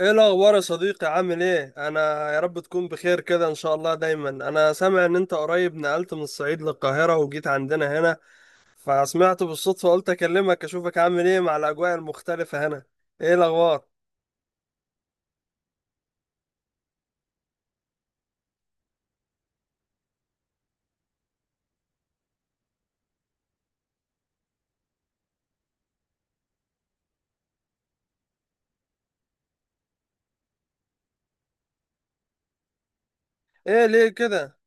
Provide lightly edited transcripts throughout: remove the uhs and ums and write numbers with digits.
ايه الاخبار يا صديقي؟ عامل ايه؟ انا يا رب تكون بخير كده ان شاء الله. دايما انا سامع ان انت قريب نقلت من الصعيد للقاهرة وجيت عندنا هنا، فسمعت بالصدفة قلت اكلمك اشوفك عامل ايه مع الاجواء المختلفة هنا. ايه الاخبار؟ ايه ليه كده؟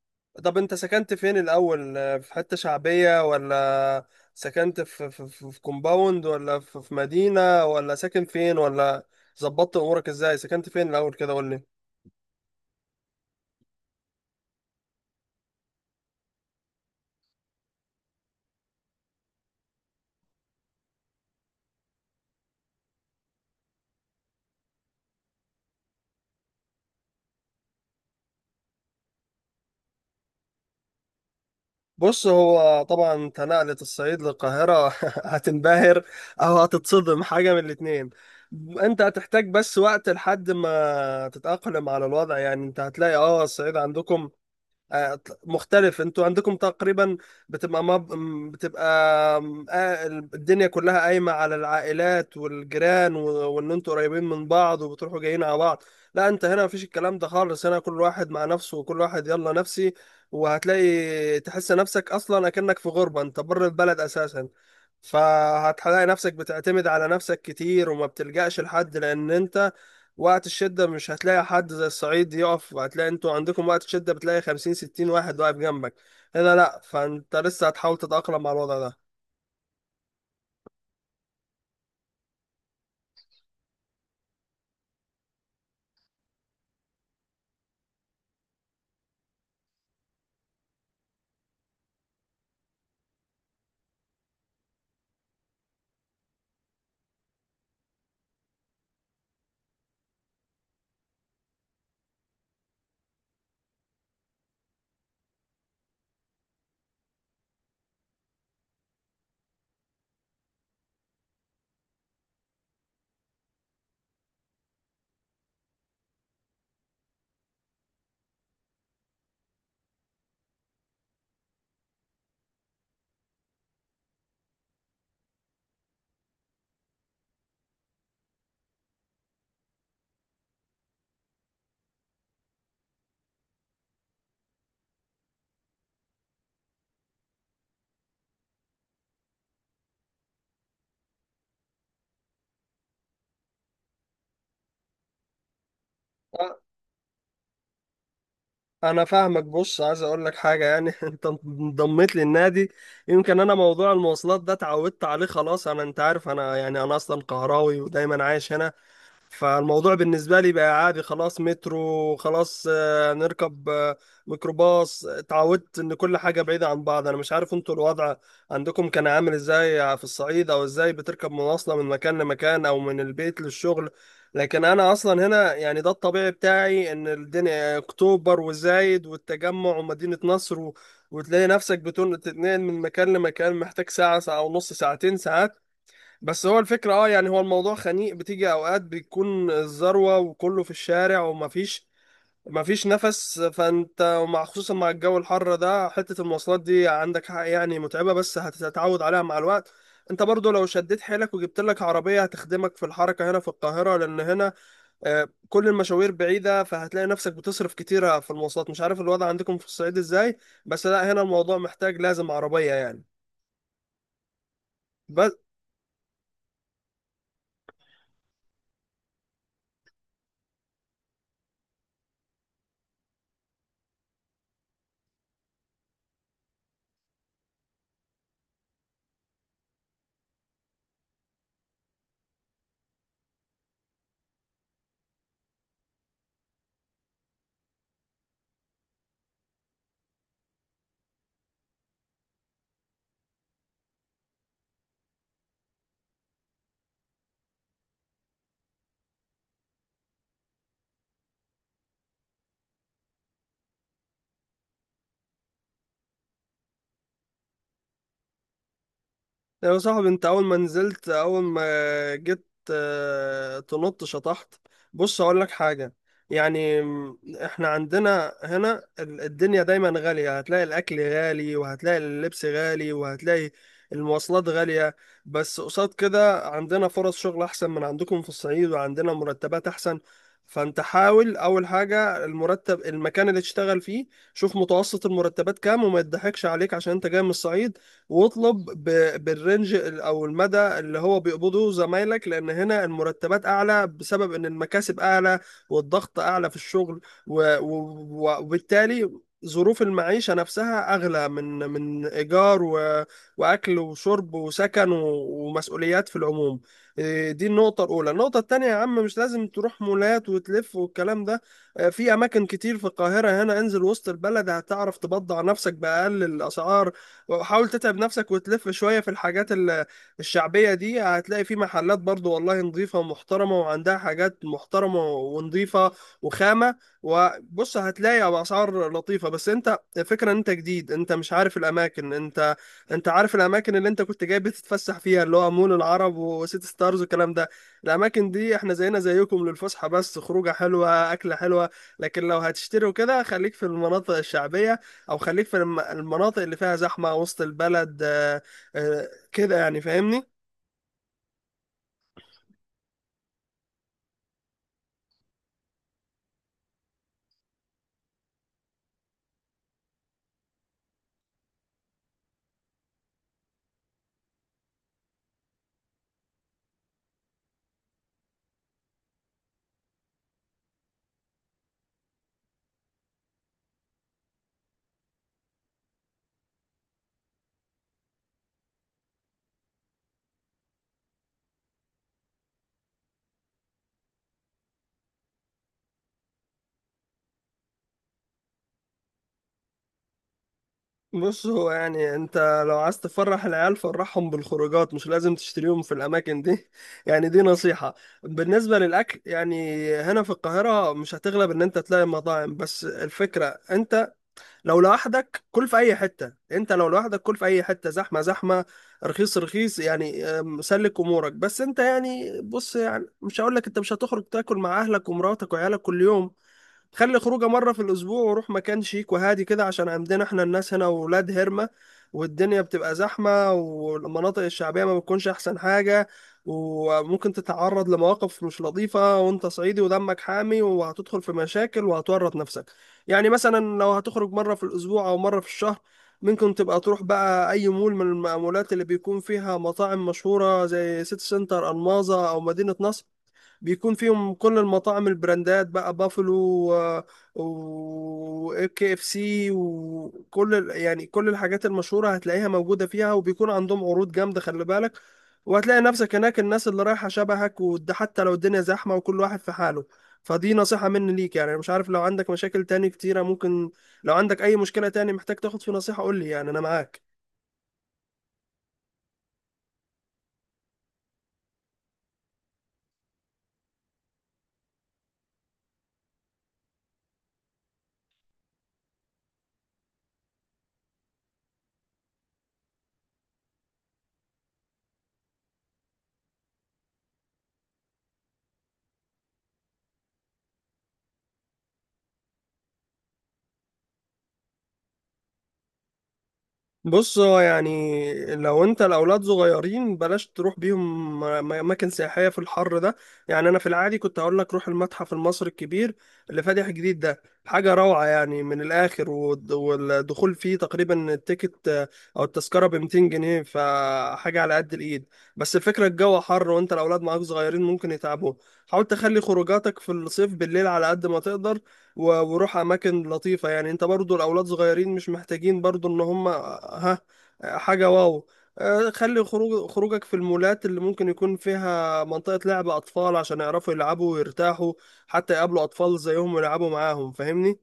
طب انت سكنت فين الاول، في حتة شعبية ولا سكنت في كومباوند ولا في مدينة ولا ساكن فين؟ ولا ظبطت امورك ازاي؟ سكنت فين الاول كده؟ قول لي. بص، هو طبعا انت نقلة الصعيد للقاهرة هتنبهر او هتتصدم، حاجة من الاتنين. انت هتحتاج بس وقت لحد ما تتأقلم على الوضع. يعني انت هتلاقي الصعيد عندكم آه، مختلف. انتوا عندكم تقريبا بتبقى بتبقى الدنيا كلها قايمة على العائلات والجيران وان انتوا قريبين من بعض وبتروحوا جايين على بعض. لا انت هنا مفيش الكلام ده خالص. هنا كل واحد مع نفسه وكل واحد يلا نفسي، وهتلاقي تحس نفسك اصلا اكنك في غربة، انت بره البلد اساسا. فهتلاقي نفسك بتعتمد على نفسك كتير وما بتلجأش لحد، لأن أنت وقت الشدة مش هتلاقي حد زي الصعيد يقف. هتلاقي انتوا عندكم وقت الشدة بتلاقي خمسين ستين واحد واقف جنبك، هنا لأ. فأنت لسه هتحاول تتأقلم مع الوضع ده. أه، أنا فاهمك. بص، عايز أقول لك حاجة يعني أنت انضميت للنادي. يمكن أنا موضوع المواصلات ده اتعودت عليه خلاص. أنا أنت عارف أنا يعني أنا أصلا قهراوي ودايما عايش هنا، فالموضوع بالنسبة لي بقى عادي خلاص. مترو خلاص، نركب ميكروباص. اتعودت ان كل حاجة بعيدة عن بعض. انا مش عارف انتوا الوضع عندكم كان عامل ازاي في الصعيد، او ازاي بتركب مواصلة من مكان لمكان او من البيت للشغل. لكن انا اصلا هنا يعني ده الطبيعي بتاعي، ان الدنيا اكتوبر وزايد والتجمع ومدينة نصر وتلاقي نفسك تتنقل من مكان لمكان محتاج ساعة، ساعة ونص، ساعتين، ساعات. بس هو الفكرة يعني هو الموضوع خنيق، بتيجي اوقات بيكون الذروة وكله في الشارع ومفيش نفس. فانت ومع خصوصا مع الجو الحر ده حتة المواصلات دي عندك حق يعني متعبة، بس هتتعود عليها مع الوقت. انت برضو لو شديت حيلك وجبت لك عربية هتخدمك في الحركة هنا في القاهرة، لان هنا كل المشاوير بعيدة، فهتلاقي نفسك بتصرف كتيرة في المواصلات. مش عارف الوضع عندكم في الصعيد ازاي، بس لا هنا الموضوع محتاج لازم عربية يعني. يا صاحبي انت اول ما نزلت، اول ما جيت تنط شطحت. بص اقول لك حاجة يعني، احنا عندنا هنا الدنيا دايما غالية. هتلاقي الاكل غالي، وهتلاقي اللبس غالي، وهتلاقي المواصلات غالية. بس قصاد كده عندنا فرص شغل احسن من عندكم في الصعيد، وعندنا مرتبات احسن. فانت حاول اول حاجة المرتب، المكان اللي تشتغل فيه شوف متوسط المرتبات كام، وما يضحكش عليك عشان انت جاي من الصعيد. واطلب بالرنج او المدى اللي هو بيقبضه زمايلك، لان هنا المرتبات اعلى بسبب ان المكاسب اعلى والضغط اعلى في الشغل. وبالتالي ظروف المعيشة نفسها أغلى، من إيجار وأكل وشرب وسكن ومسؤوليات في العموم. إيه، دي النقطة الأولى. النقطة التانية يا عم، مش لازم تروح مولات وتلف والكلام ده. في أماكن كتير في القاهرة هنا. انزل وسط البلد هتعرف تبضع نفسك بأقل الأسعار. وحاول تتعب نفسك وتلف شوية في الحاجات الشعبية دي، هتلاقي في محلات برضو والله نظيفة ومحترمة، وعندها حاجات محترمة ونظيفة وخامة. وبص هتلاقي بأسعار لطيفة. بس انت الفكرة ان انت جديد، انت مش عارف الاماكن. انت عارف الاماكن اللي انت كنت جاي بتتفسح فيها، اللي هو مول العرب وسيتي ستارز والكلام ده. الاماكن دي احنا زينا زيكم، للفسحة بس، خروجة حلوة اكلة حلوة. لكن لو هتشتري وكده خليك في المناطق الشعبية، او خليك في المناطق اللي فيها زحمه، وسط البلد كده يعني، فاهمني؟ بص هو يعني انت لو عايز تفرح العيال، فرحهم بالخروجات، مش لازم تشتريهم في الاماكن دي يعني دي نصيحه. بالنسبه للاكل يعني هنا في القاهره مش هتغلب ان انت تلاقي مطاعم، بس الفكره انت لو لوحدك كل في اي حته. انت لو لوحدك كل في اي حته، زحمه زحمه، رخيص رخيص، يعني سلك امورك. بس انت يعني بص، يعني مش هقول لك انت مش هتخرج تاكل مع اهلك ومراتك وعيالك كل يوم. خلي خروجه مرة في الأسبوع، وروح مكان شيك وهادي كده. عشان عندنا احنا الناس هنا ولاد هرمة، والدنيا بتبقى زحمة، والمناطق الشعبية ما بتكونش أحسن حاجة، وممكن تتعرض لمواقف مش لطيفة. وأنت صعيدي ودمك حامي، وهتدخل في مشاكل وهتورط نفسك. يعني مثلا لو هتخرج مرة في الأسبوع أو مرة في الشهر، ممكن تبقى تروح بقى أي مول من المولات اللي بيكون فيها مطاعم مشهورة، زي سيتي سنتر ألماظة أو مدينة نصر. بيكون فيهم كل المطاعم، البراندات بقى، بافلو وكي اف سي، وكل يعني كل الحاجات المشهورة هتلاقيها موجودة فيها، وبيكون عندهم عروض جامدة خلي بالك. وهتلاقي نفسك هناك الناس اللي رايحة شبهك، وده حتى لو الدنيا زحمة وكل واحد في حاله. فدي نصيحة مني ليك يعني. أنا مش عارف لو عندك مشاكل تاني كتيرة، ممكن لو عندك أي مشكلة تاني محتاج تاخد في نصيحة قول لي، يعني أنا معاك. بص هو يعني لو انت الاولاد صغيرين بلاش تروح بيهم اماكن سياحيه في الحر ده. يعني انا في العادي كنت هقول لك روح المتحف المصري الكبير اللي فاتح جديد ده، حاجه روعه يعني من الاخر. والدخول فيه تقريبا التيكت او التذكره ب 200 جنيه، فحاجه على قد الايد. بس الفكره الجو حر، وانت الاولاد معاك صغيرين ممكن يتعبوا. حاول تخلي خروجاتك في الصيف بالليل على قد ما تقدر. وروح اماكن لطيفه. يعني انت برضو الاولاد صغيرين مش محتاجين برضو ان هم ها حاجه واو. خلي خروجك في المولات اللي ممكن يكون فيها منطقه لعب اطفال، عشان يعرفوا يلعبوا ويرتاحوا، حتى يقابلوا اطفال زيهم ويلعبوا معاهم. فاهمني؟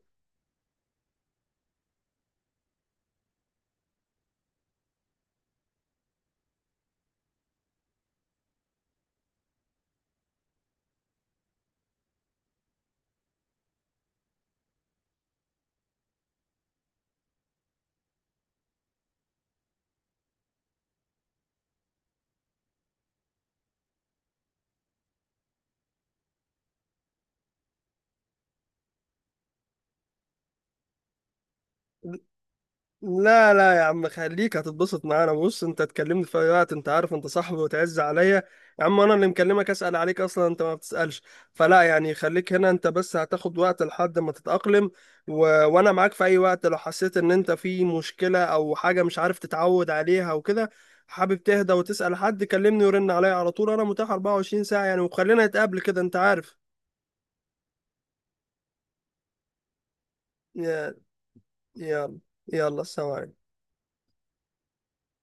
لا لا يا عم خليك، هتتبسط معانا. بص انت تكلمني في اي وقت، انت عارف انت صاحبي وتعز عليا. يا عم انا اللي مكلمك اسال عليك اصلا، انت ما بتسالش. فلا يعني خليك هنا، انت بس هتاخد وقت لحد ما تتاقلم. وانا معاك في اي وقت، لو حسيت ان انت في مشكله او حاجه مش عارف تتعود عليها وكده، حابب تهدى وتسال حد، كلمني ورن عليا على طول. انا متاح 24 ساعه يعني. وخلينا نتقابل كده، انت عارف. يا يلا، يلا، سلام عليكم.